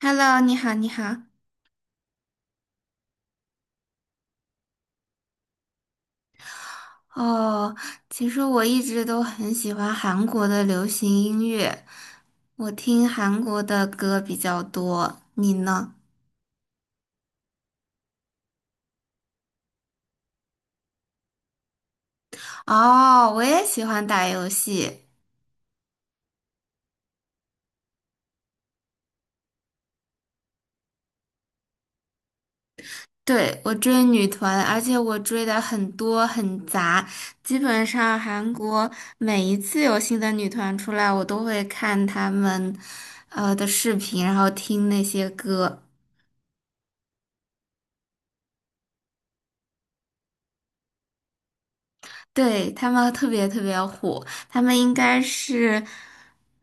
Hello，你好，你好。哦，其实我一直都很喜欢韩国的流行音乐，我听韩国的歌比较多。你呢？哦，我也喜欢打游戏。对，我追女团，而且我追的很多很杂，基本上韩国每一次有新的女团出来，我都会看她们的视频，然后听那些歌。对，他们特别特别火，他们应该是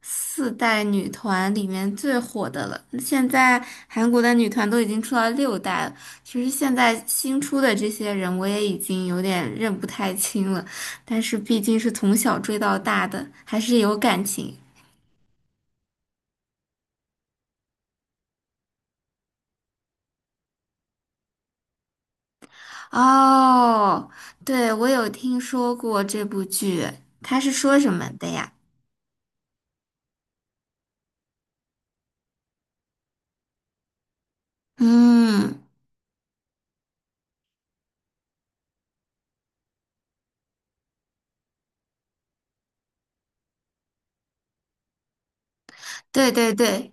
四代女团里面最火的了。现在韩国的女团都已经出到六代了，其实现在新出的这些人我也已经有点认不太清了，但是毕竟是从小追到大的，还是有感情。哦，对，我有听说过这部剧，它是说什么的呀？嗯，对对对。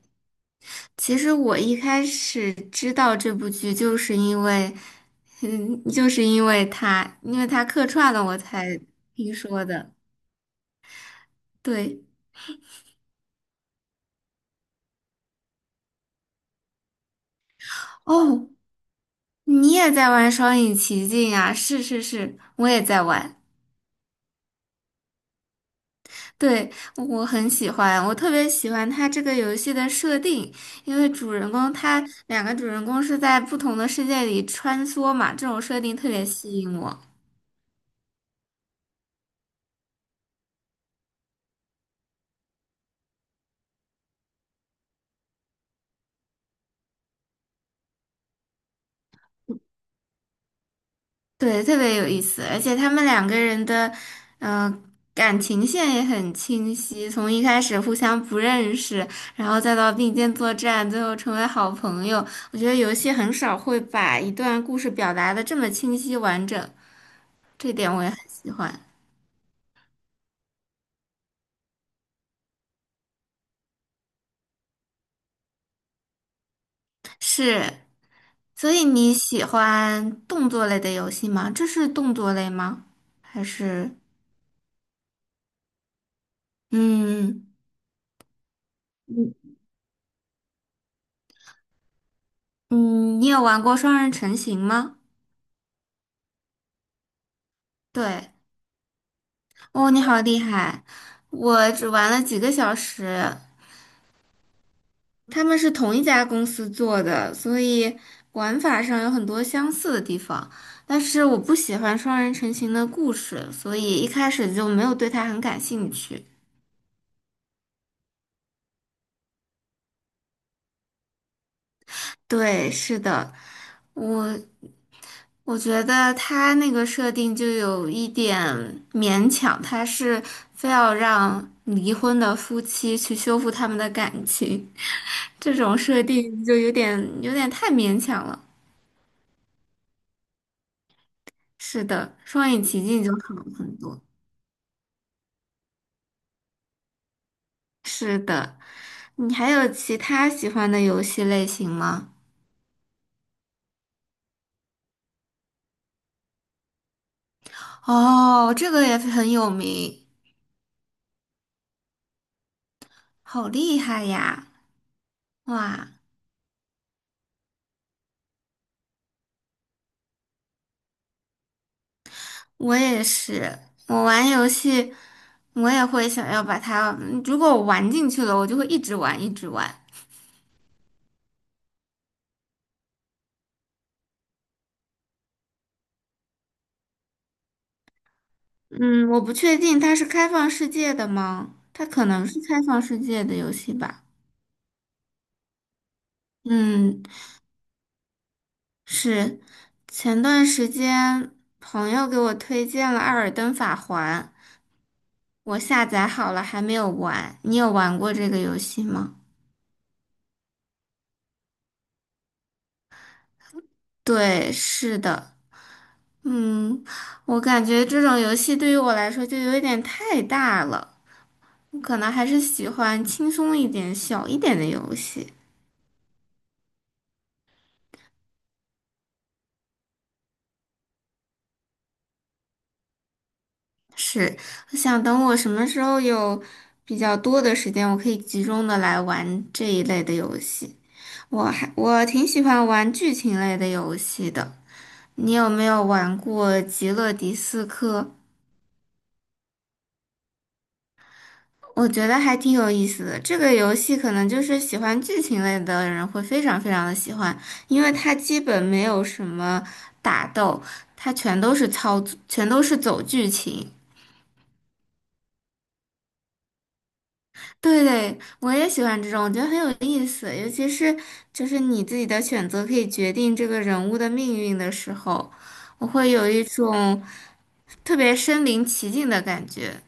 其实我一开始知道这部剧，就是因为，因为他客串了，我才听说的。对，哦，你也在玩《双影奇境》啊？是是是，我也在玩。对，我很喜欢，我特别喜欢它这个游戏的设定，因为主人公他两个主人公是在不同的世界里穿梭嘛，这种设定特别吸引我。对，特别有意思，而且他们两个人的，呃，感情线也很清晰，从一开始互相不认识，然后再到并肩作战，最后成为好朋友。我觉得游戏很少会把一段故事表达的这么清晰完整，这点我也很喜欢。是，所以你喜欢动作类的游戏吗？这是动作类吗？还是，嗯，嗯嗯，你有玩过双人成行吗？对。哦，你好厉害！我只玩了几个小时，他们是同一家公司做的，所以玩法上有很多相似的地方。但是我不喜欢双人成行的故事，所以一开始就没有对它很感兴趣。对，是的，我我觉得他那个设定就有一点勉强，他是非要让离婚的夫妻去修复他们的感情，这种设定就有点太勉强了。是的，双影奇境就好很多。是的，你还有其他喜欢的游戏类型吗？哦，这个也很有名，好厉害呀！哇，我也是，我玩游戏，我也会想要把它，如果我玩进去了，我就会一直玩，一直玩。嗯，我不确定它是开放世界的吗？它可能是开放世界的游戏吧。嗯，是，前段时间朋友给我推荐了《艾尔登法环》，我下载好了，还没有玩。你有玩过这个游戏吗？对，是的，嗯，我感觉这种游戏对于我来说就有一点太大了，我可能还是喜欢轻松一点、小一点的游戏。是，我想等我什么时候有比较多的时间，我可以集中的来玩这一类的游戏。我还我挺喜欢玩剧情类的游戏的。你有没有玩过《极乐迪斯科》？我觉得还挺有意思的。这个游戏可能就是喜欢剧情类的人会非常非常的喜欢，因为它基本没有什么打斗，它全都是操作，全都是走剧情。对对，我也喜欢这种，我觉得很有意思，尤其是就是你自己的选择可以决定这个人物的命运的时候，我会有一种。特别身临其境的感觉。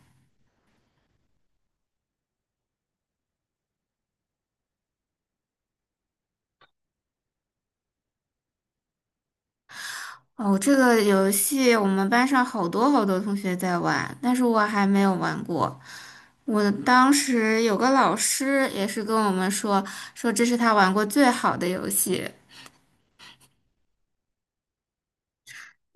哦，这个游戏我们班上好多好多同学在玩，但是我还没有玩过。我当时有个老师也是跟我们说，说这是他玩过最好的游戏。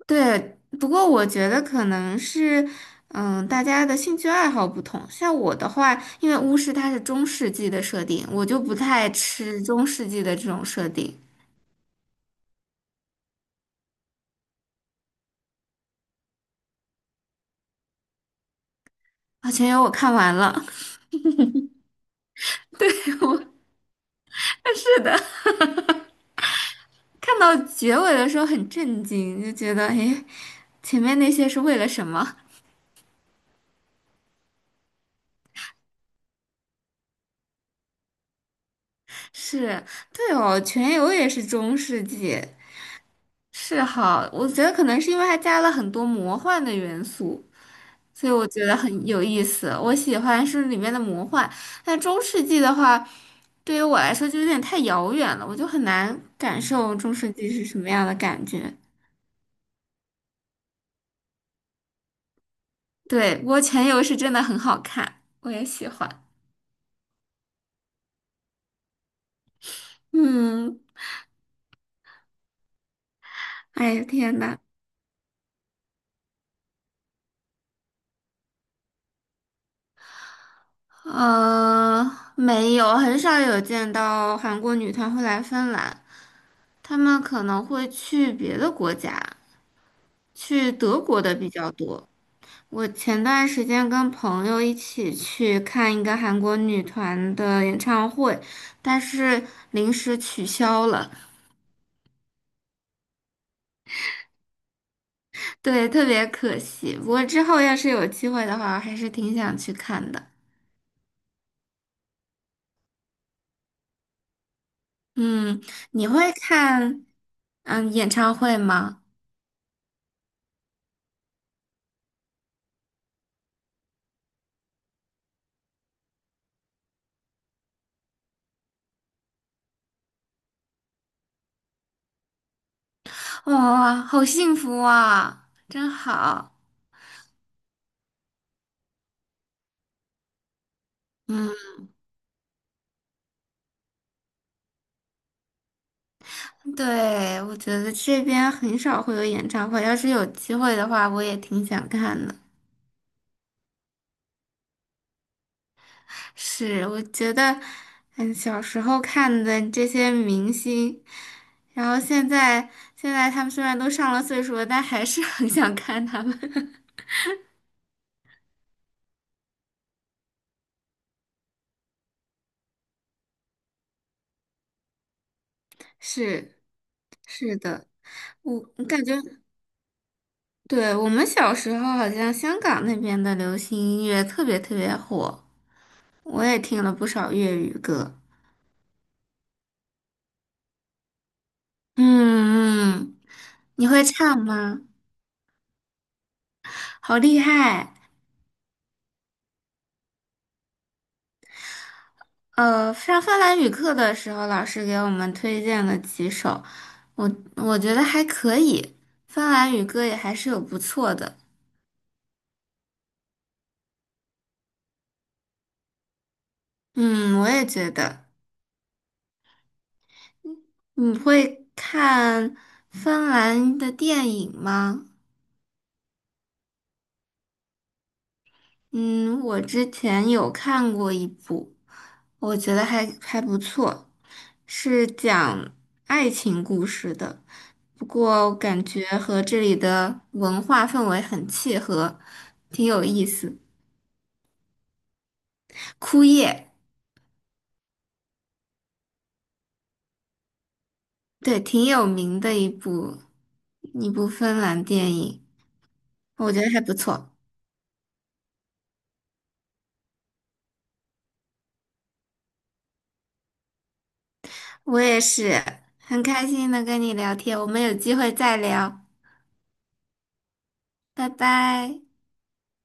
对，不过我觉得可能是，嗯，大家的兴趣爱好不同。像我的话，因为巫师它是中世纪的设定，我就不太吃中世纪的这种设定。啊，全由我看完了。对，我 是的。看到结尾的时候很震惊，就觉得诶，前面那些是为了什么？是，对哦，全游也是中世纪，是哈，我觉得可能是因为它加了很多魔幻的元素，所以我觉得很有意思。我喜欢是里面的魔幻，但中世纪的话，对于我来说就有点太遥远了，我就很难感受中世纪是什么样的感觉。对，不过全游是真的很好看，我也喜欢。嗯，哎呀，天呐！呃，没有，很少有见到韩国女团会来芬兰，她们可能会去别的国家，去德国的比较多。我前段时间跟朋友一起去看一个韩国女团的演唱会，但是临时取消了，对，特别可惜。不过之后要是有机会的话，我还是挺想去看的。嗯，你会看演唱会吗？哇，好幸福啊，真好。嗯，对，我觉得这边很少会有演唱会，要是有机会的话，我也挺想看的。是，我觉得，嗯，小时候看的这些明星，然后现在他们虽然都上了岁数了，但还是很想看他们。是，是的，我感觉，对，我们小时候好像香港那边的流行音乐特别特别火。我也听了不少粤语歌。嗯嗯，你会唱吗？好厉害！上芬兰语课的时候，老师给我们推荐了几首，我我觉得还可以，芬兰语歌也还是有不错的。嗯，我也觉得。你会看芬兰的电影吗？嗯，我之前有看过一部，我觉得还不错，是讲爱情故事的，不过感觉和这里的文化氛围很契合，挺有意思。枯叶，对，挺有名的一部芬兰电影，我觉得还不错。我也是很开心能跟你聊天，我们有机会再聊，拜拜。